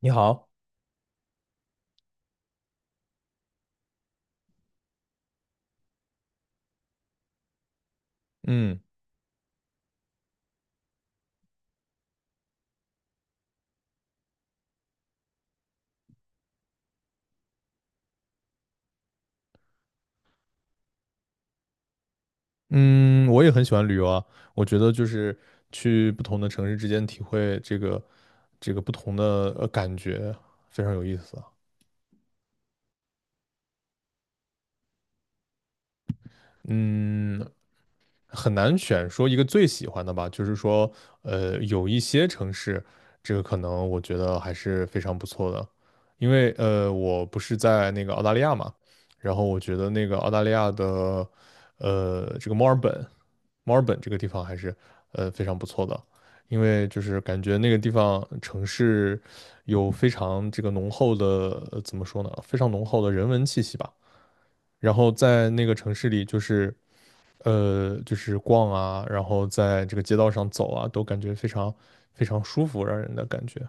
你好，嗯嗯，我也很喜欢旅游啊。我觉得就是去不同的城市之间体会这个不同的感觉，非常有意思啊。嗯，很难选说一个最喜欢的吧，就是说，有一些城市，这个可能我觉得还是非常不错的，因为我不是在那个澳大利亚嘛，然后我觉得那个澳大利亚的，这个墨尔本这个地方还是非常不错的，因为就是感觉那个地方城市有非常这个浓厚的，怎么说呢，非常浓厚的人文气息吧。然后在那个城市里，就是逛啊，然后在这个街道上走啊，都感觉非常非常舒服，让人的感觉。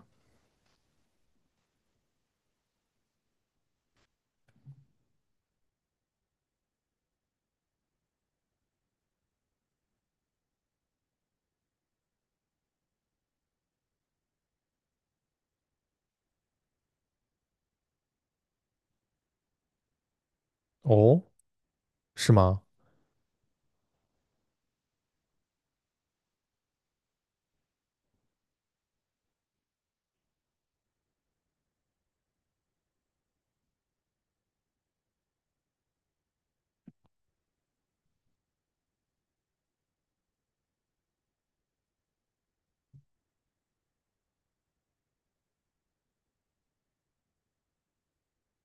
哦，是吗？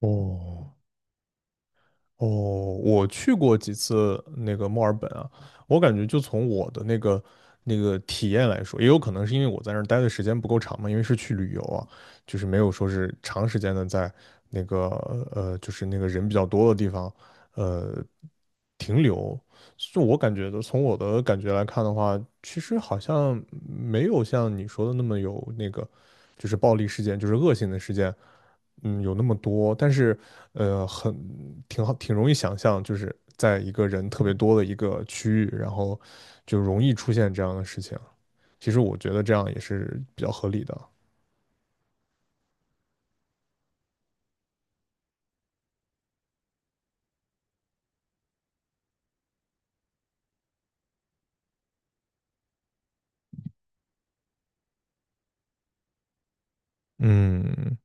哦，哦，我去过几次那个墨尔本啊，我感觉就从我的那个体验来说，也有可能是因为我在那儿待的时间不够长嘛，因为是去旅游啊，就是没有说是长时间的在那个就是那个人比较多的地方呃停留。就我感觉的，从我的感觉来看的话，其实好像没有像你说的那么有那个，就是暴力事件，就是恶性的事件。嗯，有那么多，但是，很挺好，挺容易想象，就是在一个人特别多的一个区域，然后就容易出现这样的事情。其实我觉得这样也是比较合理的。嗯，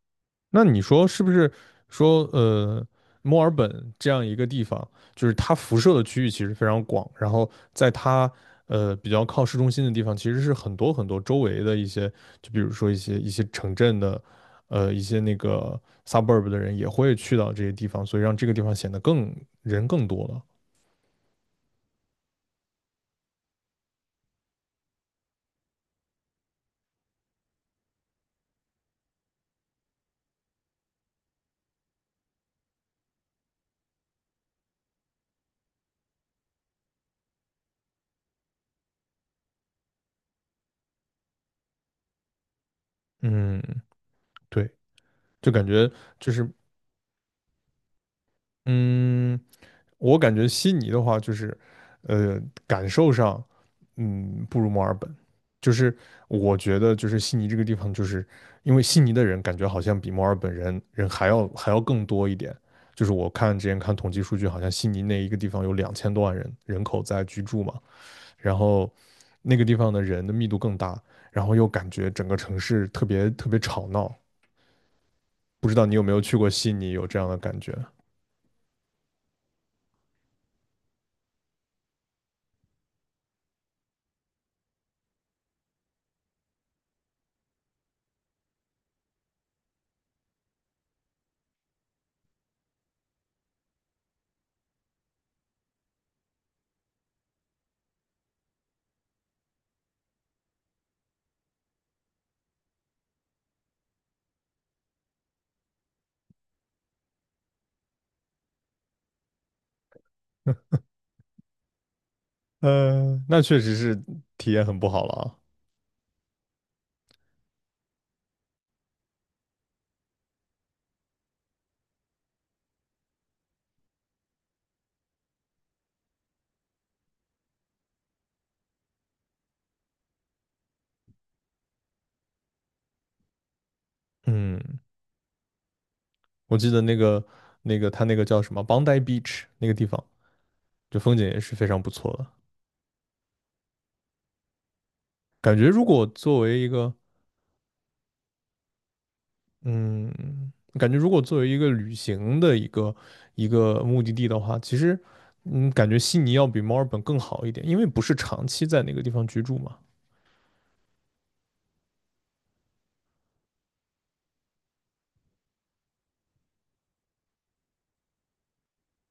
那你说是不是说墨尔本这样一个地方，就是它辐射的区域其实非常广，然后在它比较靠市中心的地方，其实是很多很多周围的一些，就比如说一些城镇的，一些那个 suburb 的人也会去到这些地方，所以让这个地方显得更人更多了。嗯，对，就感觉就是嗯。我感觉悉尼的话，就是呃，感受上，不如墨尔本。就是我觉得，就是悉尼这个地方，就是因为悉尼的人感觉好像比墨尔本人还要更多一点。就是我看之前看统计数据，好像悉尼那一个地方有两千多万人口在居住嘛，然后那个地方的人的密度更大，然后又感觉整个城市特别特别吵闹。不知道你有没有去过悉尼，有这样的感觉？那确实是体验很不好了啊。嗯，我记得那个他那个叫什么 Bondi Beach 那个地方，就风景也是非常不错的。感觉如果作为一个嗯，感觉如果作为一个旅行的一个目的地的话，其实感觉悉尼要比墨尔本更好一点，因为不是长期在那个地方居住嘛。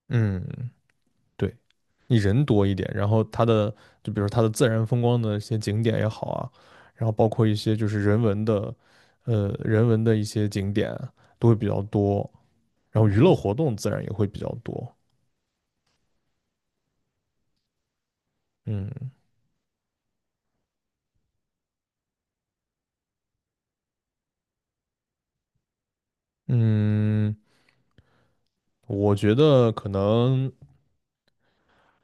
嗯对，你人多一点，然后它的就比如说它的自然风光的一些景点也好啊，然后包括一些人文的一些景点啊都会比较多，然后娱乐活动自然也会比较多。嗯嗯，我觉得可能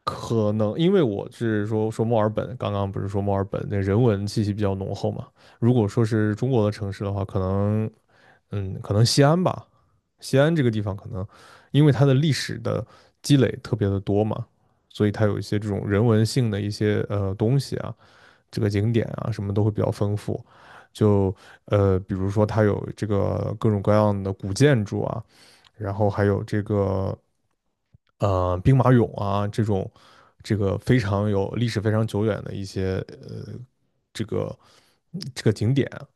可能，因为我是说墨尔本，刚刚不是说墨尔本那人文气息比较浓厚嘛。如果说是中国的城市的话，可能西安吧，西安这个地方可能因为它的历史的积累特别的多嘛，所以它有一些这种人文性的一些东西啊，这个景点啊什么都会比较丰富。就比如说它有这个各种各样的古建筑啊，然后还有这个兵马俑啊这个非常有历史非常久远的一些呃这个这个景点啊，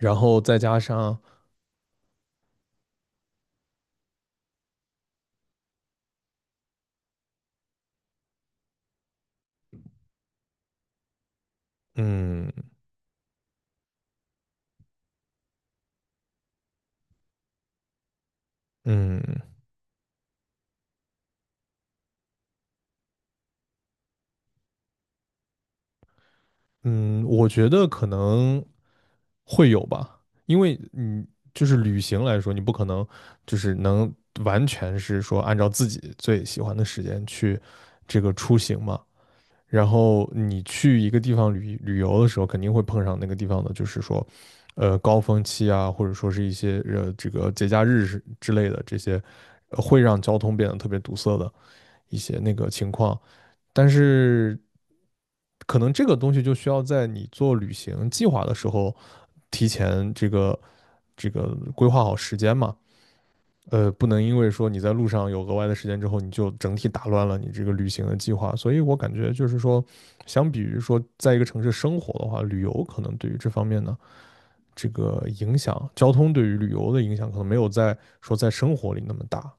然后再加上嗯嗯。嗯，我觉得可能会有吧，因为你就是旅行来说，你不可能就是能完全是说按照自己最喜欢的时间去这个出行嘛。然后你去一个地方旅游的时候，肯定会碰上那个地方的，就是说，高峰期啊，或者说是一些这个节假日是之类的这些，会让交通变得特别堵塞的一些那个情况。但是可能这个东西就需要在你做旅行计划的时候，提前这个规划好时间嘛。不能因为说你在路上有额外的时间之后，你就整体打乱了你这个旅行的计划。所以我感觉就是说，相比于说在一个城市生活的话，旅游可能对于这方面呢，这个影响，交通对于旅游的影响可能没有在说在生活里那么大。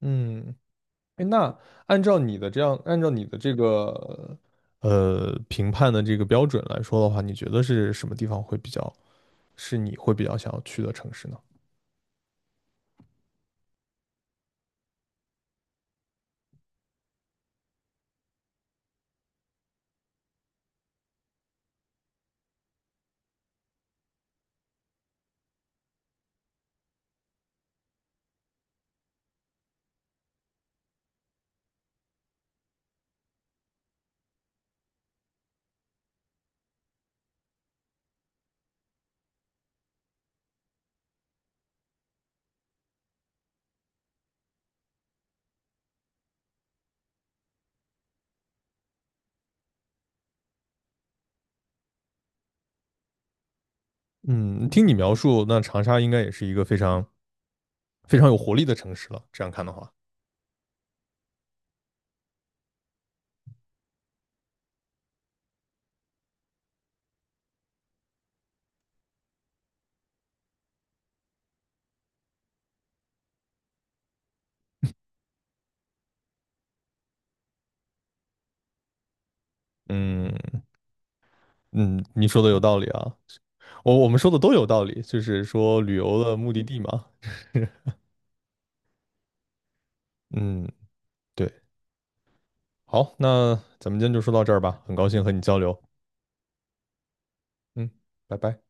嗯，哎，那按照你的这个评判的这个标准来说的话，你觉得是什么地方会比较，是你会比较想要去的城市呢？嗯，听你描述，那长沙应该也是一个非常非常有活力的城市了。这样看的话，嗯嗯，你说的有道理啊，我们说的都有道理，就是说旅游的目的地嘛。嗯，对。好，那咱们今天就说到这儿吧，很高兴和你交流。嗯，拜拜。